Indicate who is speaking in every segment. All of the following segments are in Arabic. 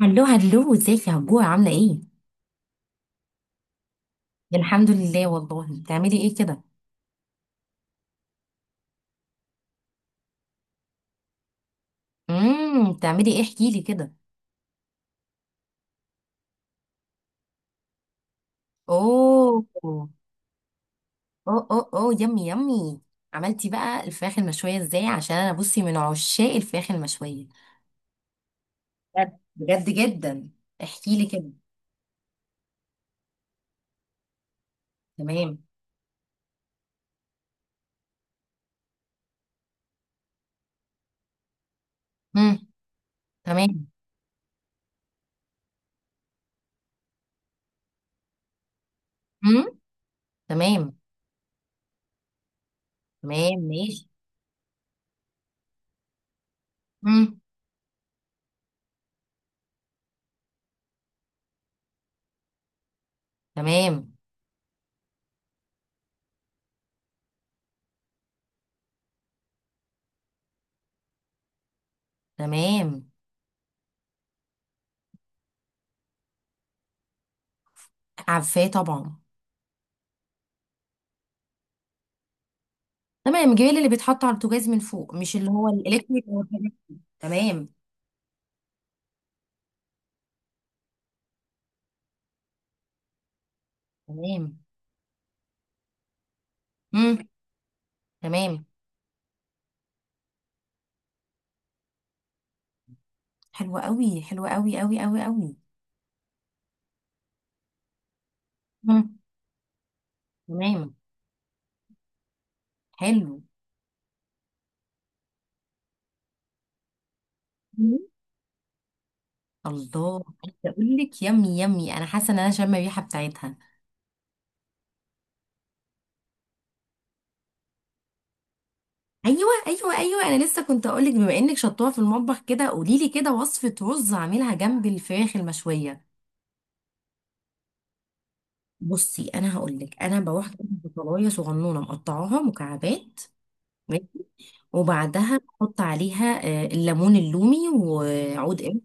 Speaker 1: هلو هلو، ازيك يا هجوه؟ عامله ايه؟ يعني الحمد لله والله. بتعملي ايه كده؟ بتعملي ايه؟ احكي لي كده. اوه اوه. اوه اوه، يمي يمي. عملتي بقى الفراخ المشويه ازاي؟ عشان انا بصي من عشاق الفراخ المشويه. بجد، بجد جدا. احكي لي كده. تمام. امم. تمام. امم. تمام. تمام، ماشي. امم. تمام. تمام. عارفاه طبعا. تمام، جميل. اللي بيتحط على البوتاجاز من فوق، مش اللي هو الالكتريك أو الحاجات. تمام. تمام. امم. تمام. حلوة قوي، حلوة قوي قوي قوي قوي. امم. تمام. حلو. مم. الله، عايزة اقول لك يمي يمي، انا حاسة ان انا شامة الريحة بتاعتها. ايوه ايوه ايوه، انا لسه كنت اقول لك، بما انك شطوها في المطبخ كده قولي لي كده وصفة رز اعملها جنب الفراخ المشوية. بصي انا هقول لك، انا بروح جنب بطلايه صغنونه مقطعاها مكعبات. ماشي؟ وبعدها احط عليها الليمون اللومي وعود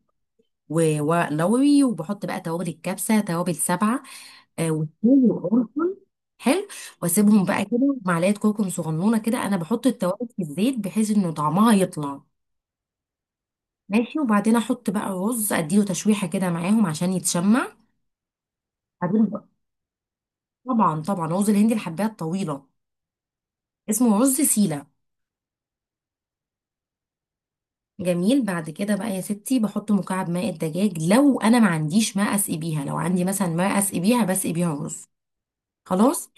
Speaker 1: ولوري، وبحط بقى توابل الكبسه، توابل سبعه، وثوم وقرفه. حلو. واسيبهم بقى كده، معلقه كركم صغنونه كده، انا بحط التوابل في الزيت بحيث انه طعمها يطلع. ماشي. وبعدين احط بقى رز اديله تشويحه كده معاهم عشان يتشمع. بعدين بقى- طبعا، طبعا رز الهندي الحبايه الطويله. اسمه رز سيله. جميل. بعد كده بقى يا ستي بحط مكعب ماء الدجاج. لو انا ما عنديش ماء اسقي بيها، لو عندي مثلا ماء اسقي بيها بسقي بيها رز. خلاص.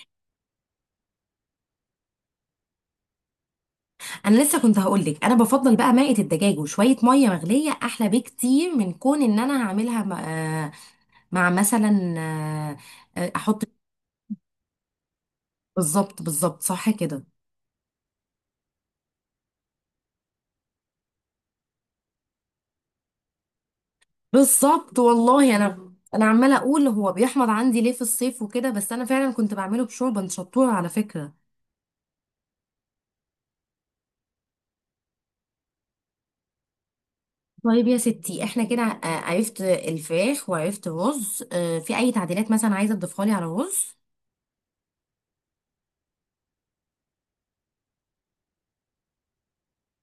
Speaker 1: انا لسه كنت هقولك انا بفضل بقى مائة الدجاج وشويه ميه مغليه احلى بكتير من كون ان انا هعملها آه، مع مثلا احط. بالظبط، بالظبط، صح كده. بالظبط والله. انا عماله اقول هو بيحمض عندي ليه في الصيف وكده، بس انا فعلا كنت بعمله بشوربه شطوره على فكره. طيب يا ستي احنا كده، عرفت الفراخ وعرفت الرز، في اي تعديلات مثلا عايزه تضيفها لي على الرز؟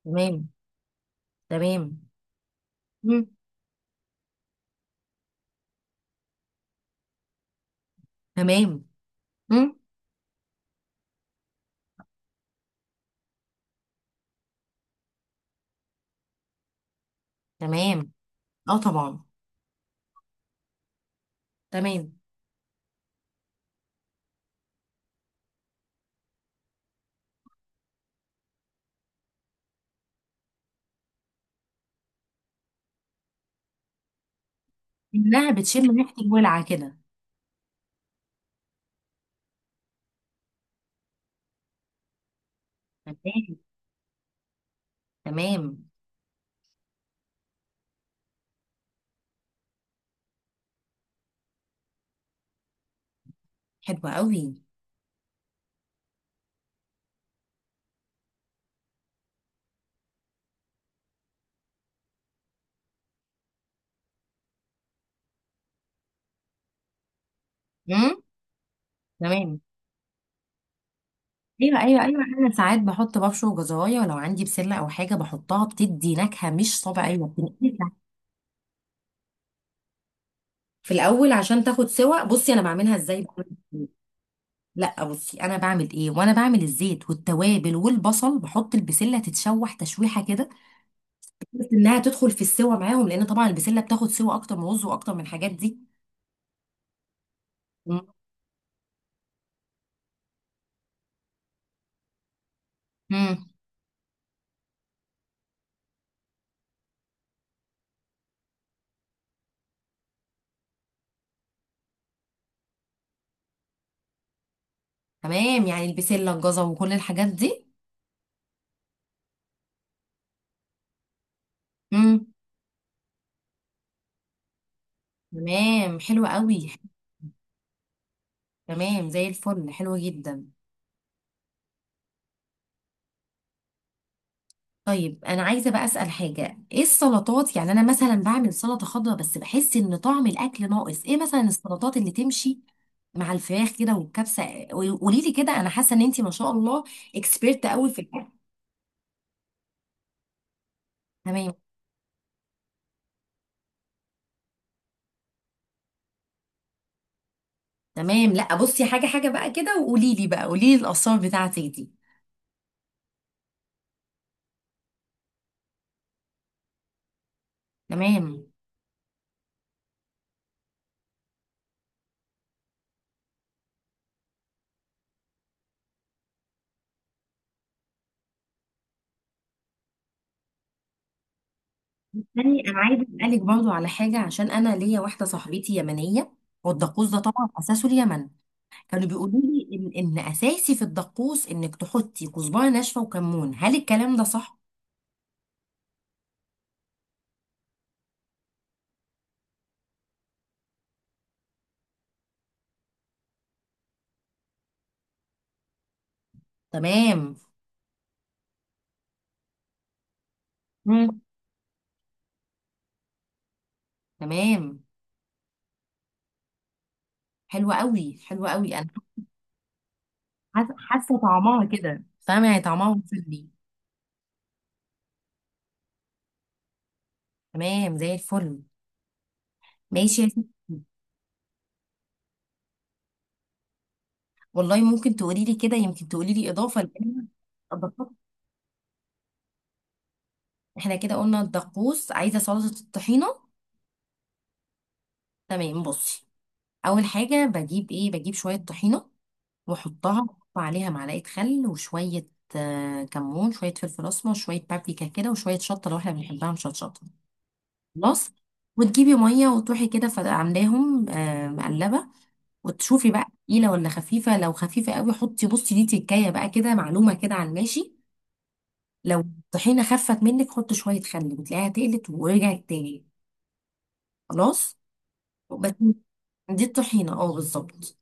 Speaker 1: تمام. تمام. مم. تمام. مم. تمام. اه، طبعا. تمام. انها بتشم ريحه الولعه كده. تمام. تمام، حلوه قوي. امم. تمام. ايوه ايوه ايوه، انا ساعات بحط ببشر وجزرايه، ولو عندي بسله او حاجه بحطها بتدي نكهه مش طبيعيه بتنقلها. في الاول عشان تاخد سوا. بصي انا بعملها ازاي بقى؟ لا، بصي انا بعمل ايه، وانا بعمل الزيت والتوابل والبصل بحط البسله تتشوح تشويحه كده، بس انها تدخل في السوا معاهم، لان طبعا البسله بتاخد سوا اكتر من رز واكتر من الحاجات دي. مم. تمام، يعني البسلة الجزر وكل الحاجات دي. امم. تمام، حلوة قوي. تمام، زي الفل، حلوة جدا. طيب انا عايزة بقى اسأل حاجة. ايه السلطات؟ يعني انا مثلا بعمل سلطة خضراء بس بحس ان طعم الاكل ناقص. ايه مثلا السلطات اللي تمشي مع الفراخ كده والكبسة؟ قولي لي كده، انا حاسة ان انتي ما شاء الله اكسبيرت قوي في الاكل. تمام. تمام. لا، بصي حاجة حاجة بقى كده، وقولي لي بقى، قولي لي الاسرار بتاعتك دي. تمام. يعني انا عايزه اسالك برضو على حاجه عشان انا ليا واحده صاحبتي يمنيه. والدقوس ده طبعا اساسه اليمن. كانوا بيقولوا لي ان اساسي في الدقوس انك تحطي كزبره ناشفه وكمون. هل الكلام ده صح؟ تمام. مم. تمام، حلوه قوي، حلوه قوي. انا حاسه طعمها كده، فاهمه يعني، طعمها وصلني. تمام، زي الفل. ماشي يا ستي. والله ممكن تقولي لي كده، يمكن تقولي لي اضافه لان الدقوس- احنا كده قلنا الدقوس عايزه سلطه الطحينه. تمام، بصي. اول حاجه بجيب ايه؟ بجيب شويه طحينه، واحطها واحط عليها معلقه خل، وشويه كمون، شويه فلفل اسمر، شويه بابريكا كده، وشويه شطه لو احنا بنحبها مشطشطه. خلاص. وتجيبي ميه وتروحي كده عاملاهم مقلبه، وتشوفي بقى تقيله ولا خفيفه. لو خفيفه قوي حطي، بصي دي تكايه بقى كده، معلومه كده على الماشي، لو الطحينه خفت منك حطي شويه خل بتلاقيها تقلت ورجعت تاني. خلاص. بس دي الطحينه، اه، بالظبط.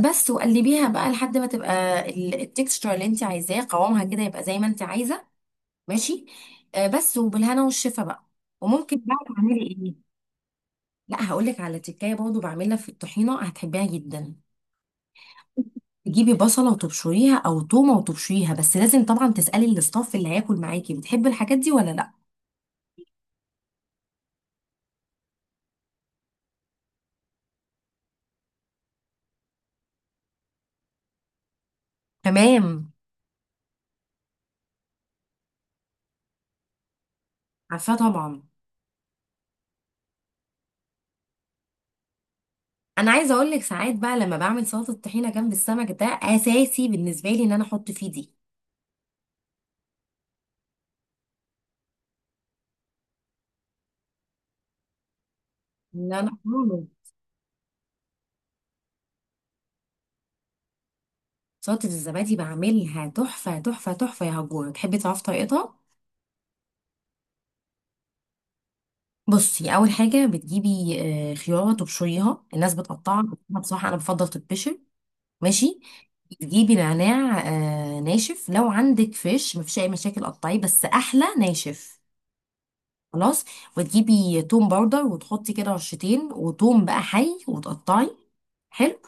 Speaker 1: بس وقلبيها بقى لحد ما تبقى التكستشر اللي انت عايزاه قوامها كده يبقى زي ما انت عايزه. ماشي. بس وبالهنا والشفا بقى. وممكن بقى تعملي ايه؟ لا، هقول لك على تكايه برضه بعملها في الطحينه هتحبيها جدا. تجيبي بصله وتبشريها او تومه وتبشريها، بس لازم طبعا تسالي الاستاف اللي هياكل معاكي بتحب الحاجات دي ولا لا. تمام. عارفاه طبعا. انا عايزه اقول لك ساعات بقى لما بعمل سلطه الطحينه جنب السمك، ده اساسي بالنسبه لي ان انا احط فيه دي. ان انا سلطة الزبادي بعملها تحفة تحفة تحفة يا هجورة. تحبي تعرفي طريقتها؟ بصي، أول حاجة بتجيبي خيارة تبشريها. الناس بتقطعها بس أنا بصراحة أنا بفضل تتبشر. ماشي. تجيبي نعناع ناشف. لو عندك فيش مفيش أي مشاكل قطعيه بس أحلى ناشف. خلاص. وتجيبي توم باودر وتحطي كده رشتين، وتوم بقى حي وتقطعي. حلو.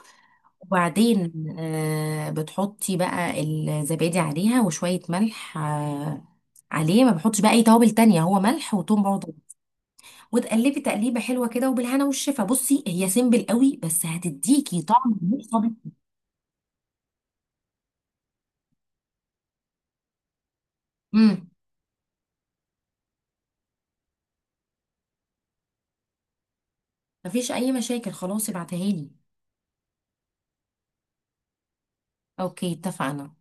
Speaker 1: وبعدين بتحطي بقى الزبادي عليها وشوية ملح، عليه ما بحطش بقى اي توابل تانية، هو ملح وتوم باودر. وتقلبي تقليبه حلوه كده وبالهنا والشفا. بصي هي سيمبل قوي بس هتديكي طعم مش طبيعي. امم. مفيش اي مشاكل، خلاص، ابعتها لي. اوكي اتفقنا.